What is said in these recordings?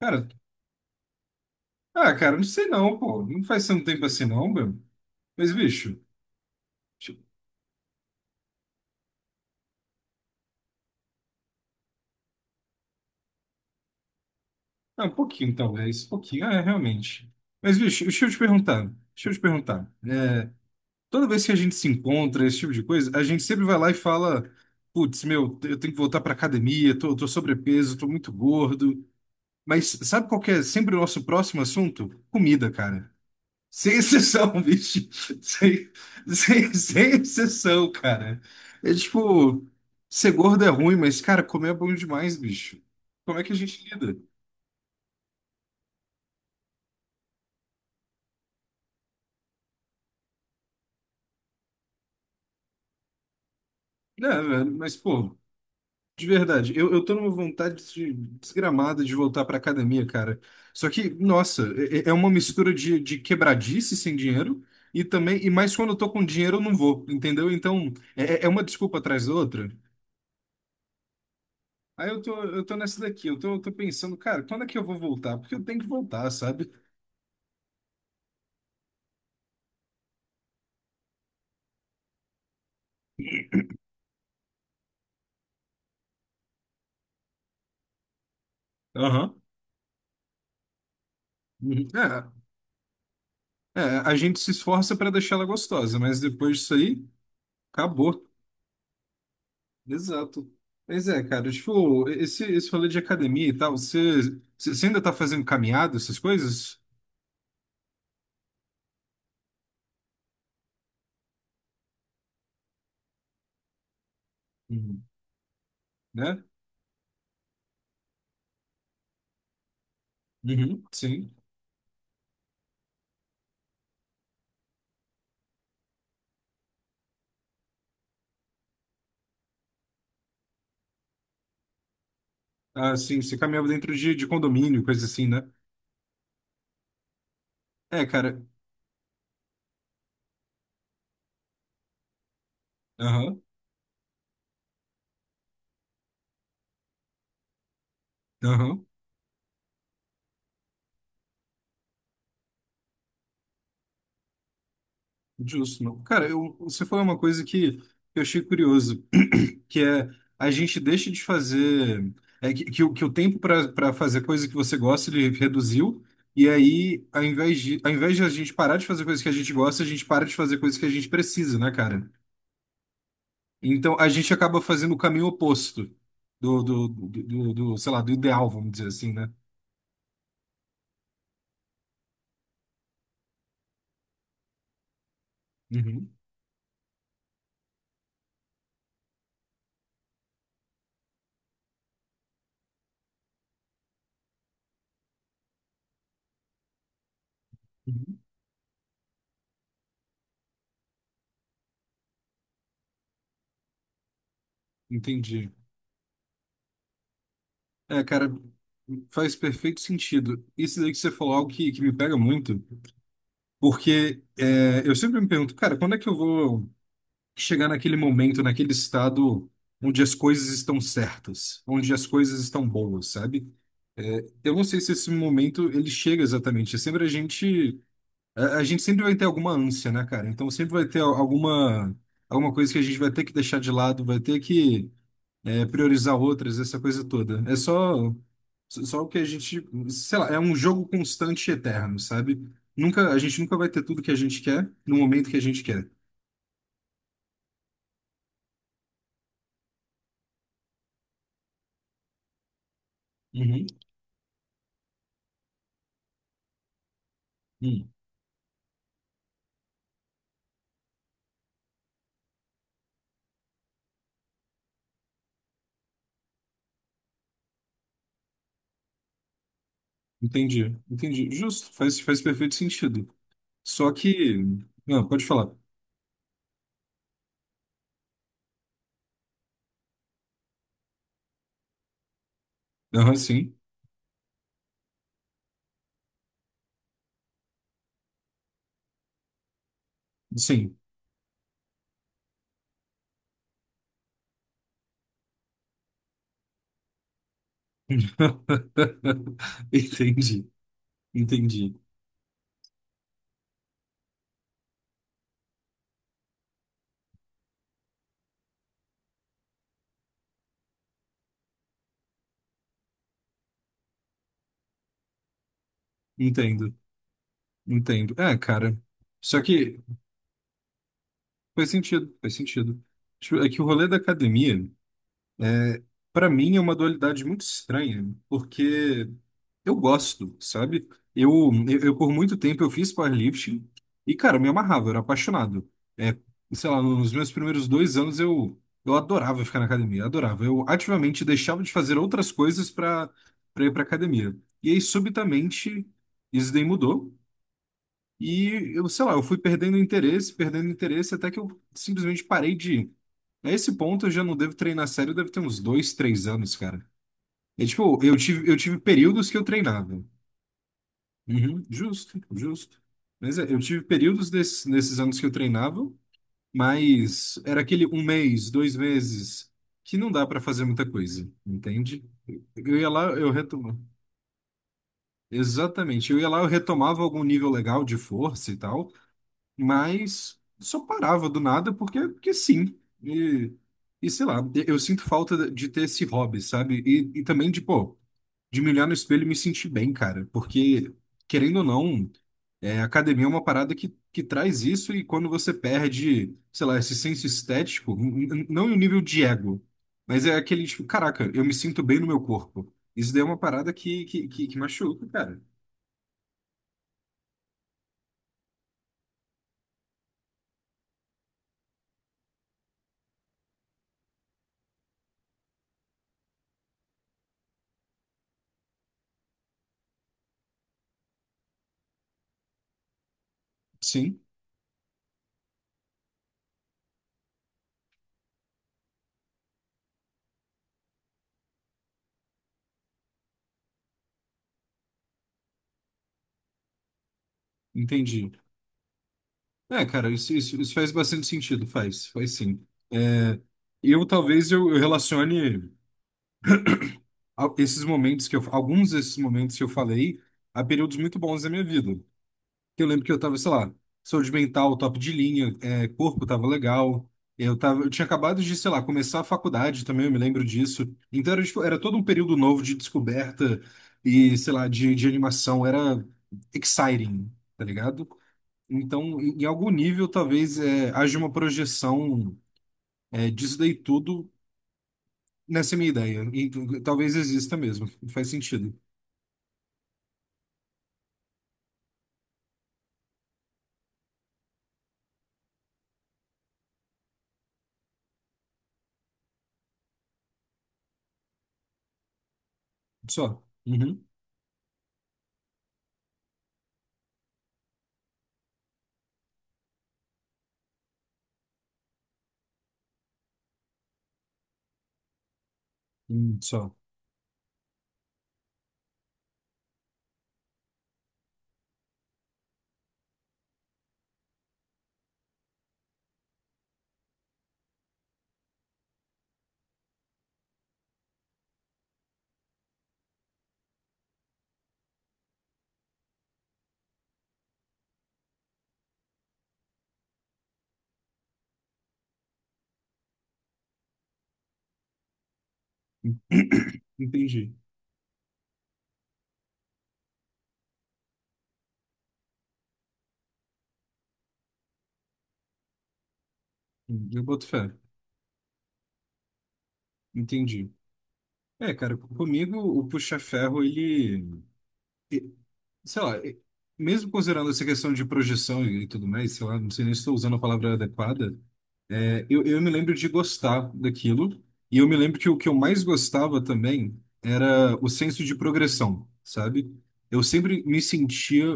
Cara, ah, cara, não sei não, pô. Não faz tanto tempo assim não, meu. Mas, bicho, deixa- ah, um pouquinho talvez, um pouquinho, é, realmente. Mas, bicho, deixa eu te perguntar. Toda vez que a gente se encontra, esse tipo de coisa, a gente sempre vai lá e fala, putz, meu, eu tenho que voltar pra academia, tô sobrepeso, tô muito gordo. Mas sabe qual que é sempre o nosso próximo assunto? Comida, cara. Sem exceção, bicho. Sem, sem exceção, cara. É tipo, ser gordo é ruim, mas, cara, comer é bom demais, bicho. Como é que a gente lida? Não, velho, mas, pô, de verdade, eu tô numa vontade desgramada de voltar pra academia, cara. Só que, nossa, é uma mistura de quebradice sem dinheiro e também, e mais quando eu tô com dinheiro eu não vou, entendeu? Então, é uma desculpa atrás da outra. Aí eu tô nessa daqui, eu tô pensando, cara, quando é que eu vou voltar? Porque eu tenho que voltar, sabe? Aham. Uhum. É, a gente se esforça pra deixar ela gostosa, mas depois disso aí, acabou. Exato. Mas é, cara, tipo, esse rolê de academia e tal, você ainda tá fazendo caminhada, essas coisas? Uhum. Né? Uhum. Sim. Ah, sim, você caminhava dentro de condomínio, coisa assim, né? É, cara. Aham, aham. Justo, não. Cara, você falou uma coisa que eu achei curioso, que é a gente deixa de fazer, é o que o tempo para fazer coisa que você gosta ele reduziu. E aí, ao invés de a gente parar de fazer coisas que a gente gosta, a gente para de fazer coisas que a gente precisa, né, cara? Então a gente acaba fazendo o caminho oposto sei lá do ideal, vamos dizer assim, né? Uhum, uhum. Entendi. É, cara, faz perfeito sentido. Isso daí que você falou é algo que me pega muito, porque é, eu sempre me pergunto, cara, quando é que eu vou chegar naquele momento, naquele estado onde as coisas estão certas, onde as coisas estão boas, sabe? É, eu não sei se esse momento ele chega exatamente. É sempre a gente sempre vai ter alguma ânsia, né, cara? Então sempre vai ter alguma coisa que a gente vai ter que deixar de lado, vai ter que priorizar outras, essa coisa toda. É só o que a gente, sei lá, é um jogo constante e eterno, sabe? Nunca, a gente nunca vai ter tudo que a gente quer no momento que a gente quer. Uhum. Uhum. Entendi, entendi. Justo, faz perfeito sentido. Só que. Não, pode falar. Aham, sim, sim. Entendi, entendi. Entendo, entendo. É, cara. Só que faz sentido, faz sentido. Tipo, é que o rolê da academia para mim é uma dualidade muito estranha, porque eu gosto, sabe? Eu, por muito tempo eu fiz powerlifting e, cara, eu me amarrava, eu era apaixonado. É, sei lá, nos meus primeiros 2 anos eu adorava ficar na academia, adorava. Eu ativamente deixava de fazer outras coisas para ir para academia. E aí, subitamente, isso daí mudou. E eu, sei lá, eu fui perdendo interesse, até que eu simplesmente parei de ir. A esse ponto eu já não devo treinar sério, deve ter uns 2, 3 anos, cara. E, tipo, eu tive períodos que eu treinava. Uhum, justo, justo. Mas é, eu tive períodos desses, nesses anos que eu treinava, mas era aquele um mês, 2 meses, que não dá pra fazer muita coisa, entende? Eu ia lá, eu retomava. Exatamente. Eu ia lá, eu retomava algum nível legal de força e tal, mas só parava do nada porque sim. E, sei lá, eu sinto falta de ter esse hobby, sabe? E, também de, pô, de me olhar no espelho e me sentir bem, cara, porque, querendo ou não, é, academia é uma parada que traz isso e quando você perde, sei lá, esse senso estético, não em um nível de ego, mas é aquele tipo, caraca, eu me sinto bem no meu corpo. Isso daí é uma parada que machuca, cara. Sim, entendi. É, cara, isso faz bastante sentido, faz sim. É, eu talvez eu relacione esses momentos alguns desses momentos que eu falei a períodos muito bons da minha vida. Eu lembro que eu tava, sei lá, saúde mental, top de linha, é, corpo tava legal, eu tinha acabado de, sei lá, começar a faculdade também, eu me lembro disso. Então era, tipo, era todo um período novo de descoberta e, sei lá, de animação, era exciting, tá ligado? Então, em algum nível, talvez haja uma projeção disso daí tudo nessa minha ideia. E talvez exista mesmo. Faz sentido. Só. Uhum. Só. Entendi. Eu boto fé. Entendi. É, cara, comigo o puxa-ferro, ele. Sei lá, mesmo considerando essa questão de projeção e tudo mais, sei lá, não sei nem se estou usando a palavra adequada, é, eu me lembro de gostar daquilo, e eu me lembro que o que eu mais gostava também era o senso de progressão, sabe? Eu sempre me sentia.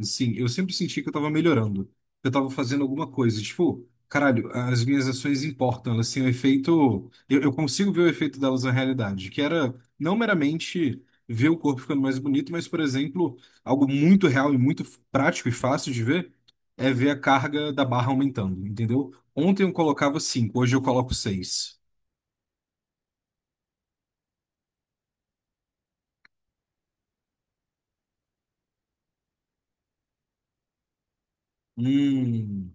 Sim, eu sempre senti que eu tava melhorando. Eu tava fazendo alguma coisa. Tipo, caralho, as minhas ações importam. Elas têm um efeito. Eu consigo ver o efeito delas na realidade, que era não meramente ver o corpo ficando mais bonito, mas, por exemplo, algo muito real e muito prático e fácil de ver é ver a carga da barra aumentando, entendeu? Ontem eu colocava cinco, hoje eu coloco seis. Hum,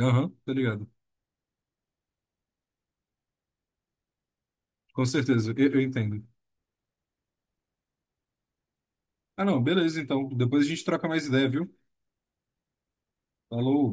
aham, tá ligado. Com certeza, eu entendo. Ah, não, beleza, então. Depois a gente troca mais ideia, viu? Falou.